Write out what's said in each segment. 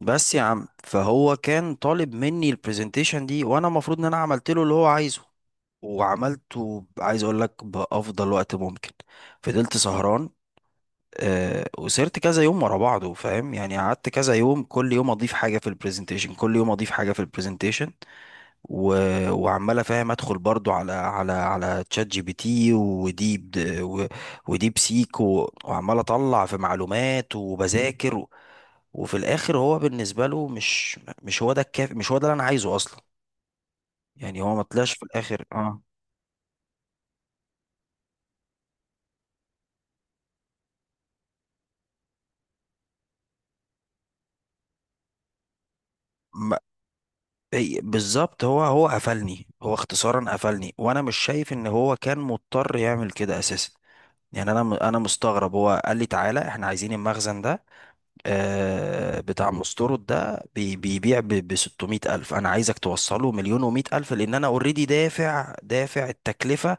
بس يا عم، فهو كان طالب مني البرزنتيشن دي، وانا المفروض ان انا عملت له اللي هو عايزه. وعملته عايز اقول لك بافضل وقت ممكن. فضلت سهران، وسهرت كذا يوم ورا بعضه، فاهم؟ يعني قعدت كذا يوم، كل يوم اضيف حاجه في البرزنتيشن، كل يوم اضيف حاجه في البرزنتيشن و... وعمال افهم، ادخل برضو على تشات جي بي تي، وديب سيك، وعمال اطلع في معلومات وبذاكر. وفي الاخر هو بالنسبه له مش هو ده الكافي، مش هو ده اللي انا عايزه اصلا. يعني هو ما طلعش في الاخر، اه. ما- بالظبط، هو قفلني، هو اختصارا قفلني، وانا مش شايف ان هو كان مضطر يعمل كده اساسا. يعني انا مستغرب، هو قال لي: تعالى احنا عايزين المخزن ده، بتاع مستورد ده بيبيع ب 600 ألف، أنا عايزك توصله مليون و ألف، لأن أنا أوريدي دافع دافع التكلفة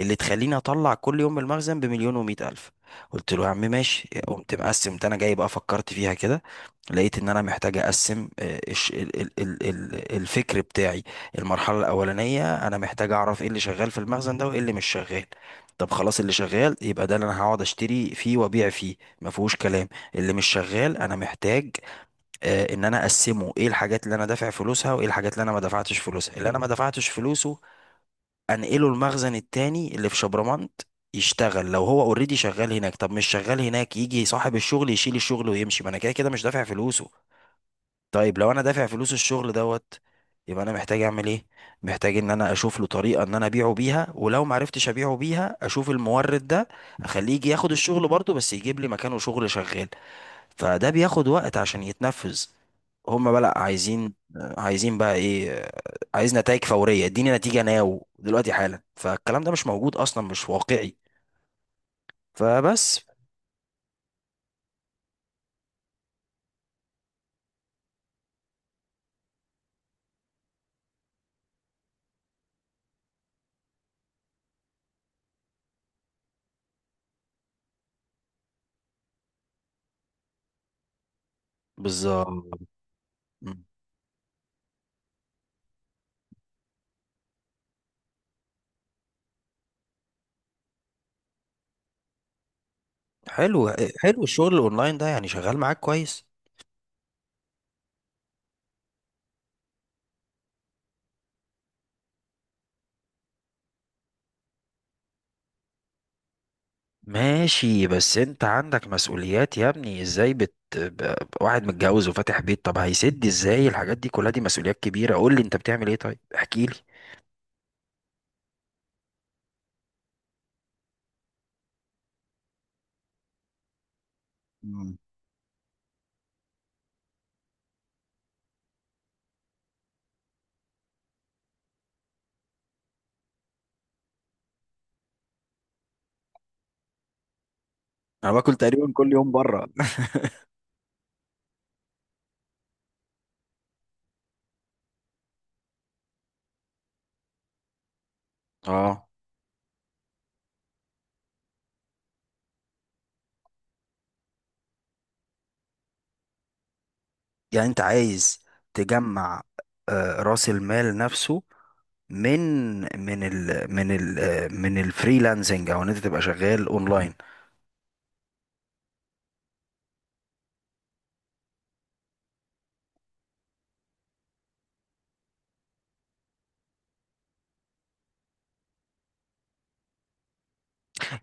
اللي تخليني أطلع كل يوم المخزن بمليون و ألف. قلت له: يا عم ماشي. قمت مقسم ده، أنا جاي بقى فكرت فيها كده، لقيت إن أنا محتاج أقسم، الفكر بتاعي. المرحلة الأولانية أنا محتاج أعرف إيه اللي شغال في المخزن ده وإيه اللي مش شغال. طب خلاص، اللي شغال يبقى ده اللي أنا هقعد أشتري فيه وأبيع فيه، ما فيهوش كلام. اللي مش شغال انا محتاج، ان انا اقسمه، ايه الحاجات اللي انا دافع فلوسها وايه الحاجات اللي انا ما دفعتش فلوسه انقله المخزن التاني اللي في شبرمنت، يشتغل. لو هو اوريدي شغال هناك، طب مش شغال هناك، يجي صاحب الشغل يشيل الشغل ويمشي، ما انا كده كده مش دافع فلوسه. طيب لو انا دافع فلوس الشغل دوت، يبقى انا محتاج اعمل ايه؟ محتاج ان انا اشوف له طريقه ان انا ابيعه بيها، ولو ما عرفتش ابيعه بيها اشوف المورد ده اخليه يجي ياخد الشغل برضه، بس يجيب لي مكانه شغل شغال. فده بياخد وقت عشان يتنفذ. هم بقى لأ، عايزين عايزين بقى ايه؟ عايز نتائج فورية، اديني نتيجة ناو دلوقتي حالا. فالكلام ده مش موجود اصلا، مش واقعي. فبس. بالظبط. مم. حلو. حلو، الشغل الاونلاين ده يعني شغال معاك كويس؟ ماشي، بس انت عندك مسؤوليات يا ابني، ازاي واحد متجوز وفاتح بيت؟ طب هيسد ازاي الحاجات دي كلها؟ دي مسؤوليات كبيرة. قول لي انت بتعمل ايه، طيب احكي لي. مم. انا باكل تقريبا كل يوم بره. اه يعني انت عايز تجمع، راس المال نفسه، من من ال من ال آه، من الفريلانسنج، او ان انت تبقى شغال اونلاين.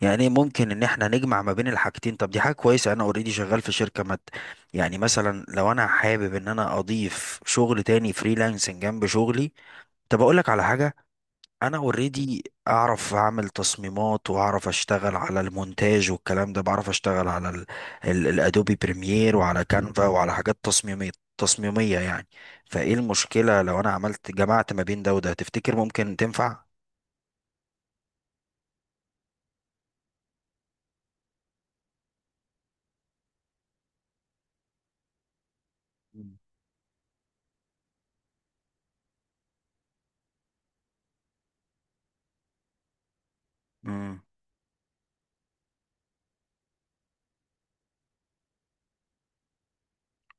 يعني ايه، ممكن ان احنا نجمع ما بين الحاجتين؟ طب دي حاجه كويسه، انا اوريدي شغال في شركه مت. يعني مثلا لو انا حابب ان انا اضيف شغل تاني فريلانسنج جنب شغلي. طب اقول لك على حاجه، انا اوريدي اعرف اعمل تصميمات واعرف اشتغل على المونتاج والكلام ده، بعرف اشتغل على الادوبي بريمير، وعلى كانفا، وعلى حاجات تصميمية يعني. فايه المشكلة لو انا عملت جمعت ما بين ده وده، تفتكر ممكن تنفع؟ مم. مم.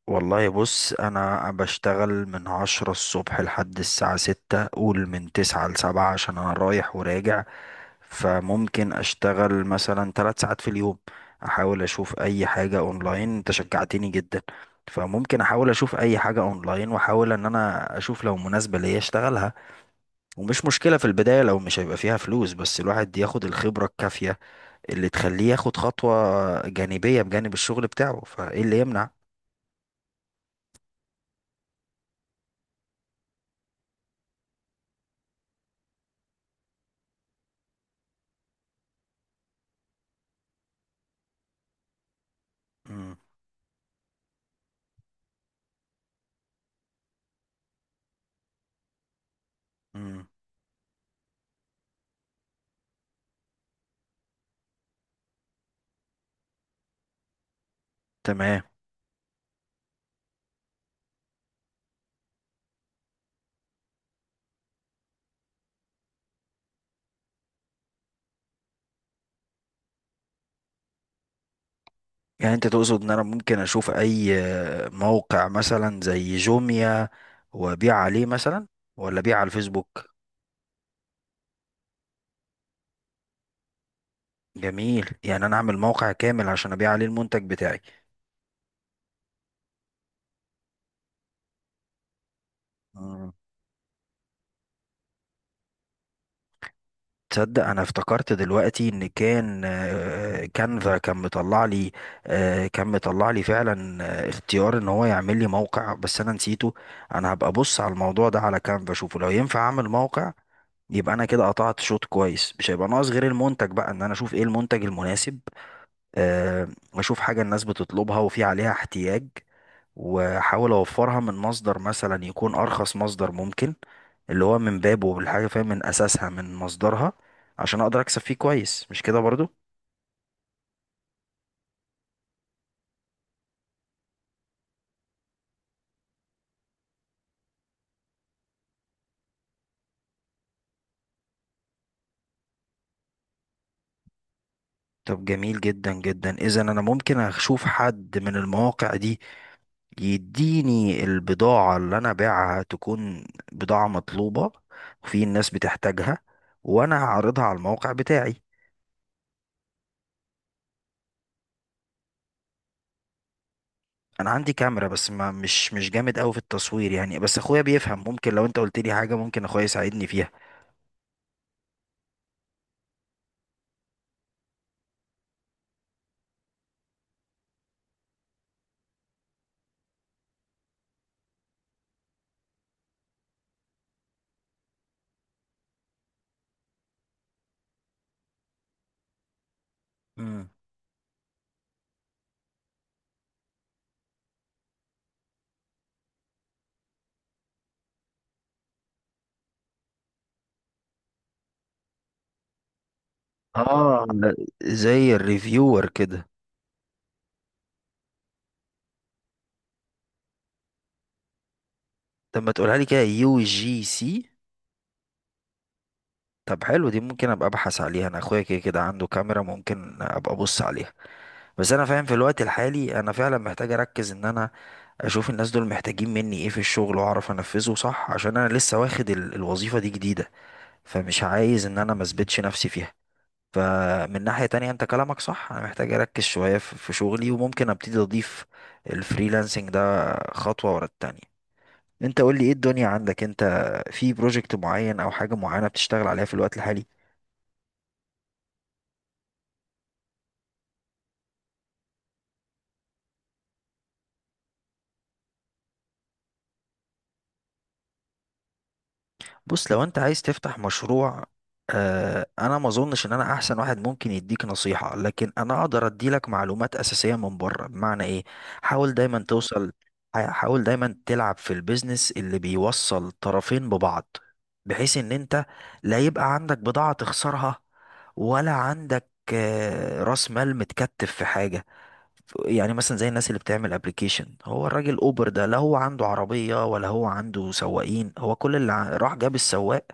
والله بص، انا بشتغل من 10 الصبح لحد الساعة 6، قول من تسعة لسبعة، عشان انا رايح وراجع. فممكن اشتغل مثلا 3 ساعات في اليوم، احاول اشوف اي حاجة اونلاين. انت شجعتني جدا. فممكن احاول اشوف اي حاجة اونلاين، واحاول ان انا اشوف لو مناسبة ليا اشتغلها. ومش مشكلة في البداية لو مش هيبقى فيها فلوس، بس الواحد ياخد الخبرة الكافية اللي تخليه ياخد خطوة جانبية بجانب الشغل بتاعه. فايه اللي يمنع؟ مم. مم. تمام. يعني انت تقصد ان انا ممكن اشوف اي موقع مثلا زي جوميا، وابيع عليه مثلا؟ ولا ابيع على الفيسبوك؟ جميل، يعني انا اعمل موقع كامل عشان ابيع عليه المنتج بتاعي. تصدق انا افتكرت دلوقتي ان كان، كانفا كان مطلع لي، كان مطلع لي فعلا اختيار ان هو يعمل لي موقع، بس انا نسيته. انا هبقى ابص على الموضوع ده على كانفا، اشوفه لو ينفع اعمل موقع. يبقى انا كده قطعت شوط كويس، مش هيبقى ناقص غير المنتج بقى، ان انا اشوف ايه المنتج المناسب، آه، واشوف حاجة الناس بتطلبها وفي عليها احتياج، واحاول اوفرها من مصدر مثلا يكون ارخص مصدر ممكن، اللي هو من بابه الحاجه فاهم، من اساسها، من مصدرها، عشان اقدر اكسب فيه كويس. مش كده برضو؟ طب جميل جدا جدا، اذا انا ممكن اشوف حد من المواقع دي يديني البضاعه، اللي انا باعها تكون بضاعه مطلوبه وفي الناس بتحتاجها، وانا هعرضها على الموقع بتاعي. انا عندي كاميرا، بس ما مش جامد قوي في التصوير يعني، بس اخويا بيفهم، ممكن لو انت قلت لي حاجه ممكن اخويا يساعدني فيها. مم. اه، زي الريفيور كده. طب ما تقولها لي كده؟ يو جي سي. طب حلو، دي ممكن ابقى ابحث عليها، انا اخويا كده كده عنده كاميرا، ممكن ابقى ابص عليها. بس انا فاهم في الوقت الحالي انا فعلا محتاج اركز، ان انا اشوف الناس دول محتاجين مني ايه في الشغل واعرف انفذه صح، عشان انا لسه واخد الوظيفة دي جديدة، فمش عايز ان انا ما اثبتش نفسي فيها. فمن ناحية تانية انت كلامك صح، انا محتاج اركز شوية في شغلي، وممكن ابتدي اضيف الفريلانسنج ده خطوة ورا التانية. انت قول لي ايه الدنيا عندك انت؟ في بروجكت معين او حاجة معينة بتشتغل عليها في الوقت الحالي؟ بص، لو انت عايز تفتح مشروع، آه، انا ما اظنش ان انا احسن واحد ممكن يديك نصيحة، لكن انا اقدر اديلك معلومات اساسية من بره. بمعنى ايه؟ حاول دايما توصل، حاول دايما تلعب في البيزنس اللي بيوصل طرفين ببعض، بحيث ان انت لا يبقى عندك بضاعة تخسرها، ولا عندك راس مال متكتف في حاجة. يعني مثلا زي الناس اللي بتعمل ابلكيشن، هو الراجل اوبر ده لا هو عنده عربية ولا هو عنده سواقين، هو كل اللي راح جاب السواق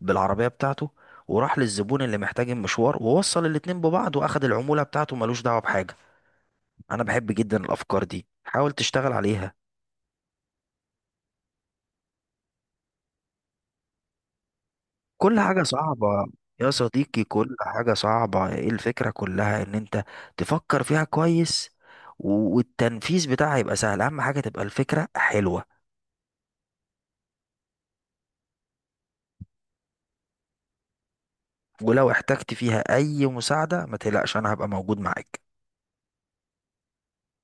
بالعربية بتاعته، وراح للزبون اللي محتاج المشوار، ووصل الاتنين ببعض، واخد العمولة بتاعته، ملوش دعوة بحاجة. انا بحب جدا الافكار دي، حاول تشتغل عليها. كل حاجة صعبة. يا صديقي، كل حاجة صعبة، ايه الفكرة كلها؟ ان انت تفكر فيها كويس، والتنفيذ بتاعها يبقى سهل، اهم حاجة تبقى الفكرة حلوة. ولو احتجت فيها اي مساعدة ما تقلقش، انا هبقى موجود معاك.